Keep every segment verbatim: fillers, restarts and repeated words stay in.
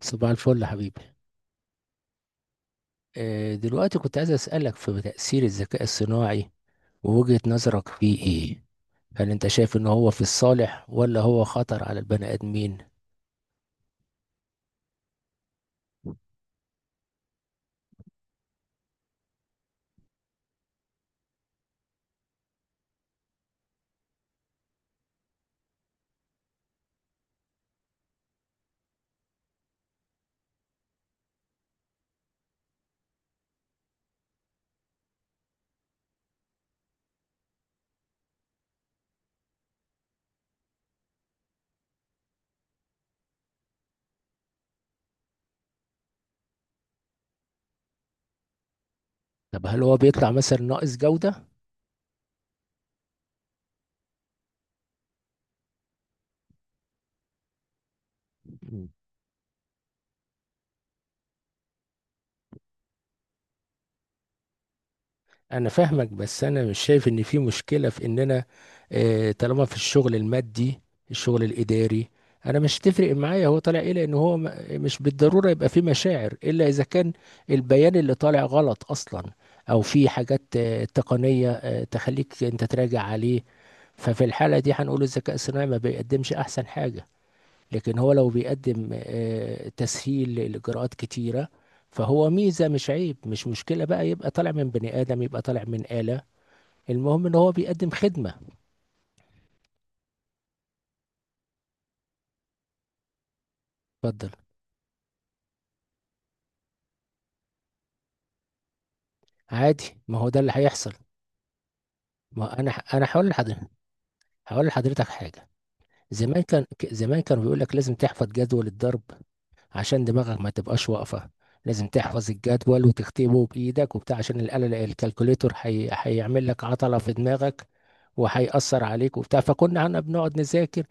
صباح الفل يا حبيبي. آه، دلوقتي كنت عايز أسألك في تأثير الذكاء الصناعي ووجهة نظرك فيه إيه؟ هل أنت شايف إن هو في الصالح ولا هو خطر على البني آدمين؟ طب هل هو بيطلع مثلا ناقص جودة؟ انا فاهمك، بس انا مش شايف ان في مشكله في اننا، آه، طالما في الشغل المادي، الشغل الاداري، انا مش تفرق معايا هو طالع ايه، لان هو م- مش بالضروره يبقى في مشاعر، الا اذا كان البيان اللي طالع غلط اصلا، او في حاجات آه، تقنيه آه، تخليك انت تراجع عليه. ففي الحاله دي هنقول الذكاء الصناعي ما بيقدمش احسن حاجه، لكن هو لو بيقدم آه، تسهيل لإجراءات كتيرة، فهو ميزة مش عيب، مش مشكلة بقى يبقى طالع من بني آدم يبقى طالع من آلة، المهم إن هو بيقدم خدمة. اتفضل. عادي، ما هو ده اللي هيحصل. ما هو أنا أنا هقول لحضرتك، هقول لحضرتك حاجة. زمان كان ك- زمان كانوا بيقول لك لازم تحفظ جدول الضرب عشان دماغك ما تبقاش واقفة. لازم تحفظ الجدول وتكتبه بإيدك وبتاع، عشان الآلة الكالكوليتور حي... هيعمل لك عطلة في دماغك وهيأثر عليك وبتاع. فكنا احنا بنقعد نذاكر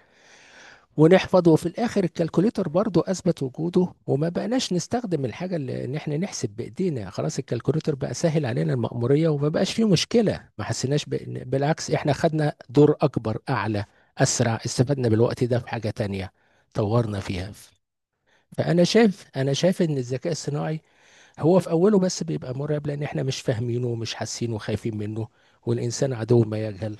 ونحفظ، وفي الآخر الكالكوليتور برضو أثبت وجوده وما بقناش نستخدم الحاجة اللي إن احنا نحسب بإيدينا، خلاص الكالكوليتور بقى سهل علينا المأمورية وما بقاش فيه مشكلة، ما حسيناش ب... بالعكس احنا خدنا دور أكبر، أعلى، أسرع، استفدنا بالوقت ده في حاجة تانية طورنا فيها. فانا شايف انا شايف ان الذكاء الصناعي هو في اوله بس بيبقى مرعب، لان احنا مش فاهمينه ومش حاسينه وخايفين منه، والانسان عدو ما يجهل.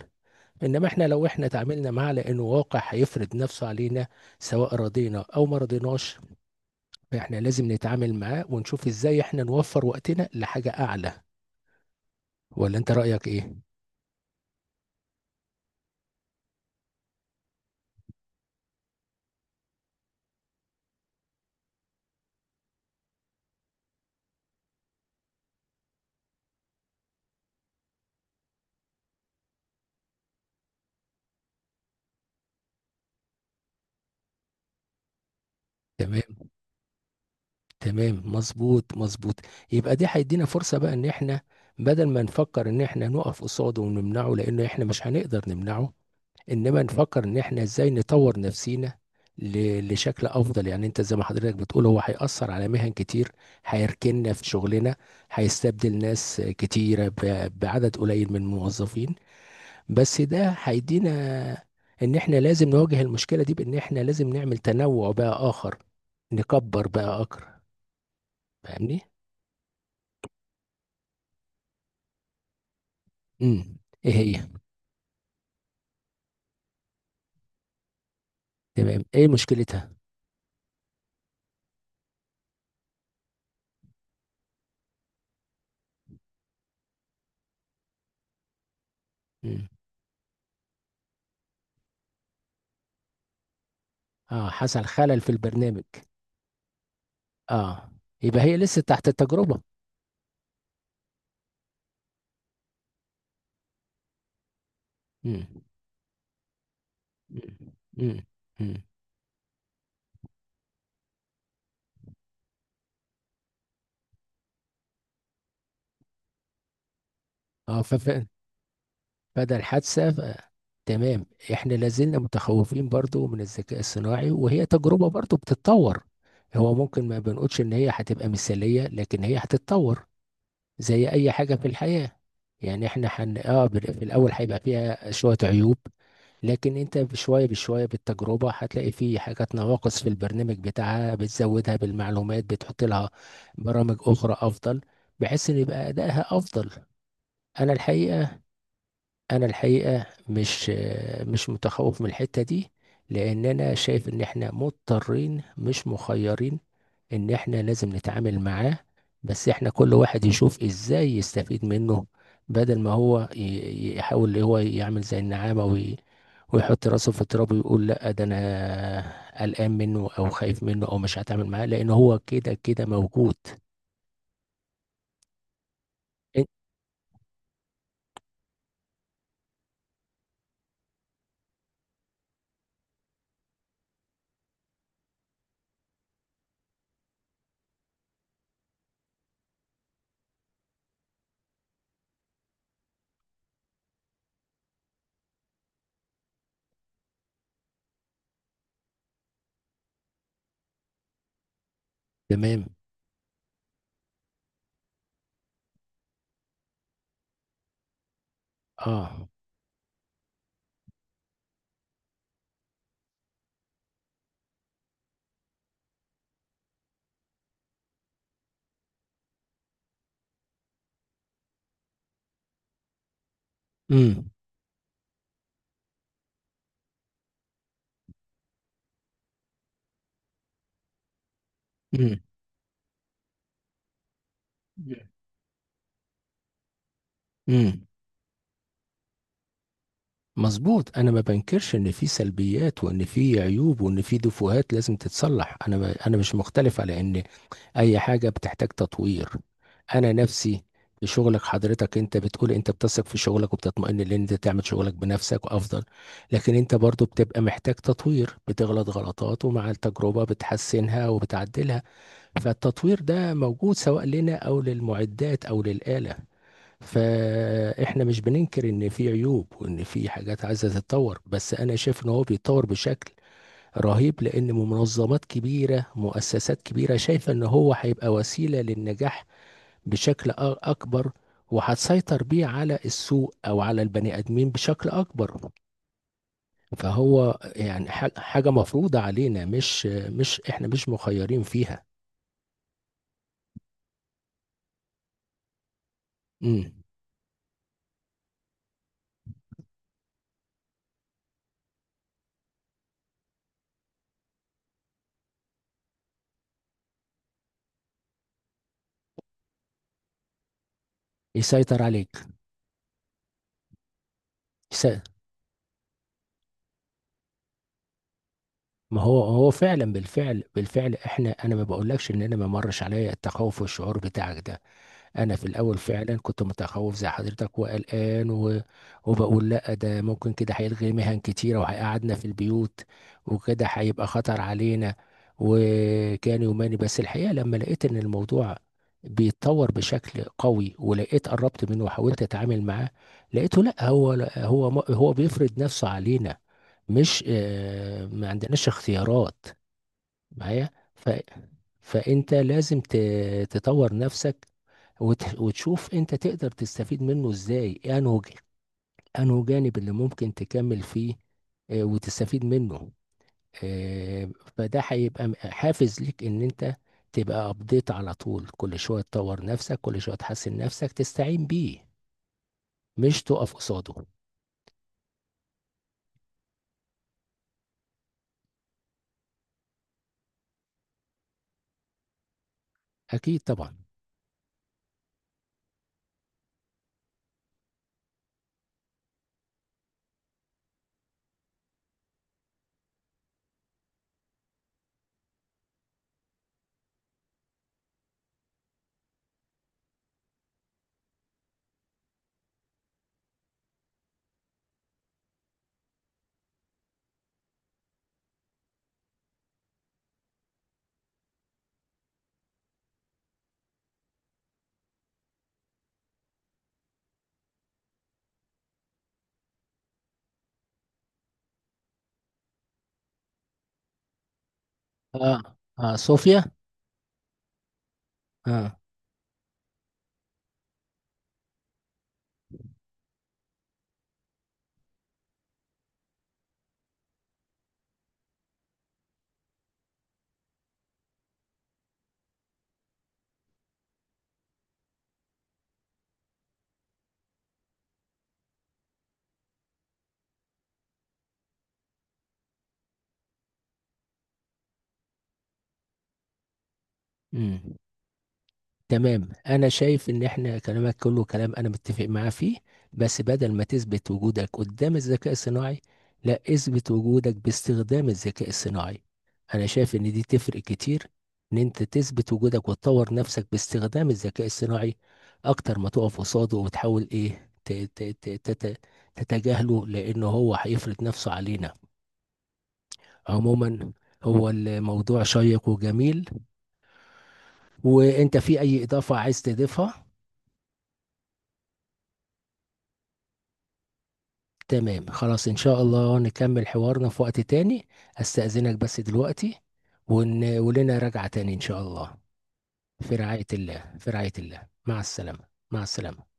انما احنا لو احنا تعاملنا معاه، لانه واقع هيفرض نفسه علينا، سواء رضينا او ما رضيناش، فاحنا لازم نتعامل معاه ونشوف ازاي احنا نوفر وقتنا لحاجة اعلى. ولا انت رأيك ايه؟ تمام. تمام، مظبوط مظبوط. يبقى دي هيدينا فرصة بقى ان احنا، بدل ما نفكر ان احنا نقف قصاده ونمنعه، لان احنا مش هنقدر نمنعه، انما نفكر ان احنا ازاي نطور نفسينا ل- لشكل افضل. يعني انت زي ما حضرتك بتقول هو هيأثر على مهن كتير، هيركننا في شغلنا، هيستبدل ناس كتيرة ب- بعدد قليل من الموظفين، بس ده هيدينا ان احنا لازم نواجه المشكلة دي، بان احنا لازم نعمل تنوع بقى اخر، نكبر بقى اكتر. فاهمني؟ امم. ايه هي؟ تمام، ايه مشكلتها؟ امم. اه، حصل خلل في البرنامج. اه. يبقى هي لسه تحت التجربة. امم. مم. مم. مم. اه فف- فده الحادثة ف- تمام. احنا لازلنا متخوفين برضو من الذكاء الصناعي، وهي تجربة برضو بتتطور. هو ممكن ما بنقولش ان هي هتبقى مثالية، لكن هي هتتطور زي اي حاجة في الحياة. يعني احنا حن... اه بال- في الاول هيبقى فيها شوية عيوب، لكن انت بشوية بشوية بالتجربة هتلاقي فيه حاجات نواقص في البرنامج بتاعها، بتزودها بالمعلومات، بتحط لها برامج اخرى افضل، بحيث ان يبقى ادائها افضل. انا الحقيقه، انا الحقيقه مش مش متخوف من الحته دي، لان انا شايف ان احنا مضطرين مش مخيرين ان احنا لازم نتعامل معاه. بس احنا كل واحد يشوف ازاي يستفيد منه، بدل ما هو ي- يحاول اللي هو يعمل زي النعامه، وي ويحط راسه في التراب ويقول لا ده انا قلقان منه، او خايف منه، او مش هتعامل معاه، لان هو كده كده موجود. إن- تمام. اه. امم. امم. مظبوط. انا ما بنكرش ان في سلبيات، وان في عيوب، وان في دفوهات لازم تتصلح، انا ب... انا مش مختلف على ان اي حاجه بتحتاج تطوير. انا نفسي في شغلك، حضرتك انت بتقول انت بتثق في شغلك وبتطمئن لان انت تعمل شغلك بنفسك وافضل، لكن انت برضو بتبقى محتاج تطوير، بتغلط غلطات ومع التجربه بتحسنها وبتعدلها. فالتطوير ده موجود سواء لنا او للمعدات او للآلة. فاحنا مش بننكر ان في عيوب وان في حاجات عايزه تتطور، بس انا شايف ان هو بيتطور بشكل رهيب، لان منظمات كبيره، مؤسسات كبيره شايفه ان هو هيبقى وسيله للنجاح بشكل أ- اكبر، وهتسيطر بيه على السوق او على البني ادمين بشكل اكبر. فهو يعني ح- حاجه مفروضه علينا، مش مش احنا مش مخيرين فيها. امم. يسيطر عليك. يس- ما هو هو فعلا، بالفعل بالفعل احنا، انا ما بقولكش ان انا ما مرش عليا التخوف والشعور بتاعك ده. انا في الاول فعلا كنت متخوف زي حضرتك وقلقان و... وبقول لا ده ممكن كده هيلغي مهن كتيره وهيقعدنا في البيوت، وكده هيبقى خطر علينا، وكان يوماني. بس الحقيقه لما لقيت ان الموضوع بيتطور بشكل قوي، ولقيت قربت منه وحاولت اتعامل معاه، لقيته لا، هو هو هو بيفرض نفسه علينا، مش آه، ما عندناش اختيارات معايا ف... فانت لازم ت... تطور نفسك، وت... وتشوف انت تقدر تستفيد منه ازاي، انه ج- انه جانب اللي ممكن تكمل فيه، آه، وتستفيد منه. آه، فده هيبقى م- حافز ليك ان انت تبقى ابديت على طول، كل شوية تطور نفسك، كل شوية تحسن نفسك، تستعين بيه، مش تقف قصاده. اكيد طبعا. اه. اه، صوفيا. اه. مم. تمام، انا شايف ان احنا كلامك كله كلام انا متفق معاه فيه، بس بدل ما تثبت وجودك قدام الذكاء الصناعي، لا، اثبت وجودك باستخدام الذكاء الصناعي. انا شايف ان دي تفرق كتير، ان انت تثبت وجودك وتطور نفسك باستخدام الذكاء الصناعي، اكتر ما تقف قصاده وتحاول ايه ت- ت- ت- تت- تتجاهله، لان هو هيفرض نفسه علينا عموما. هو الموضوع شيق وجميل، وانت في اي اضافة عايز تضيفها؟ تمام، خلاص ان شاء الله نكمل حوارنا في وقت تاني. استأذنك بس دلوقتي، ون... ولنا رجعة تاني ان شاء الله. في رعاية الله، في رعاية الله، مع السلامة. مع السلامة.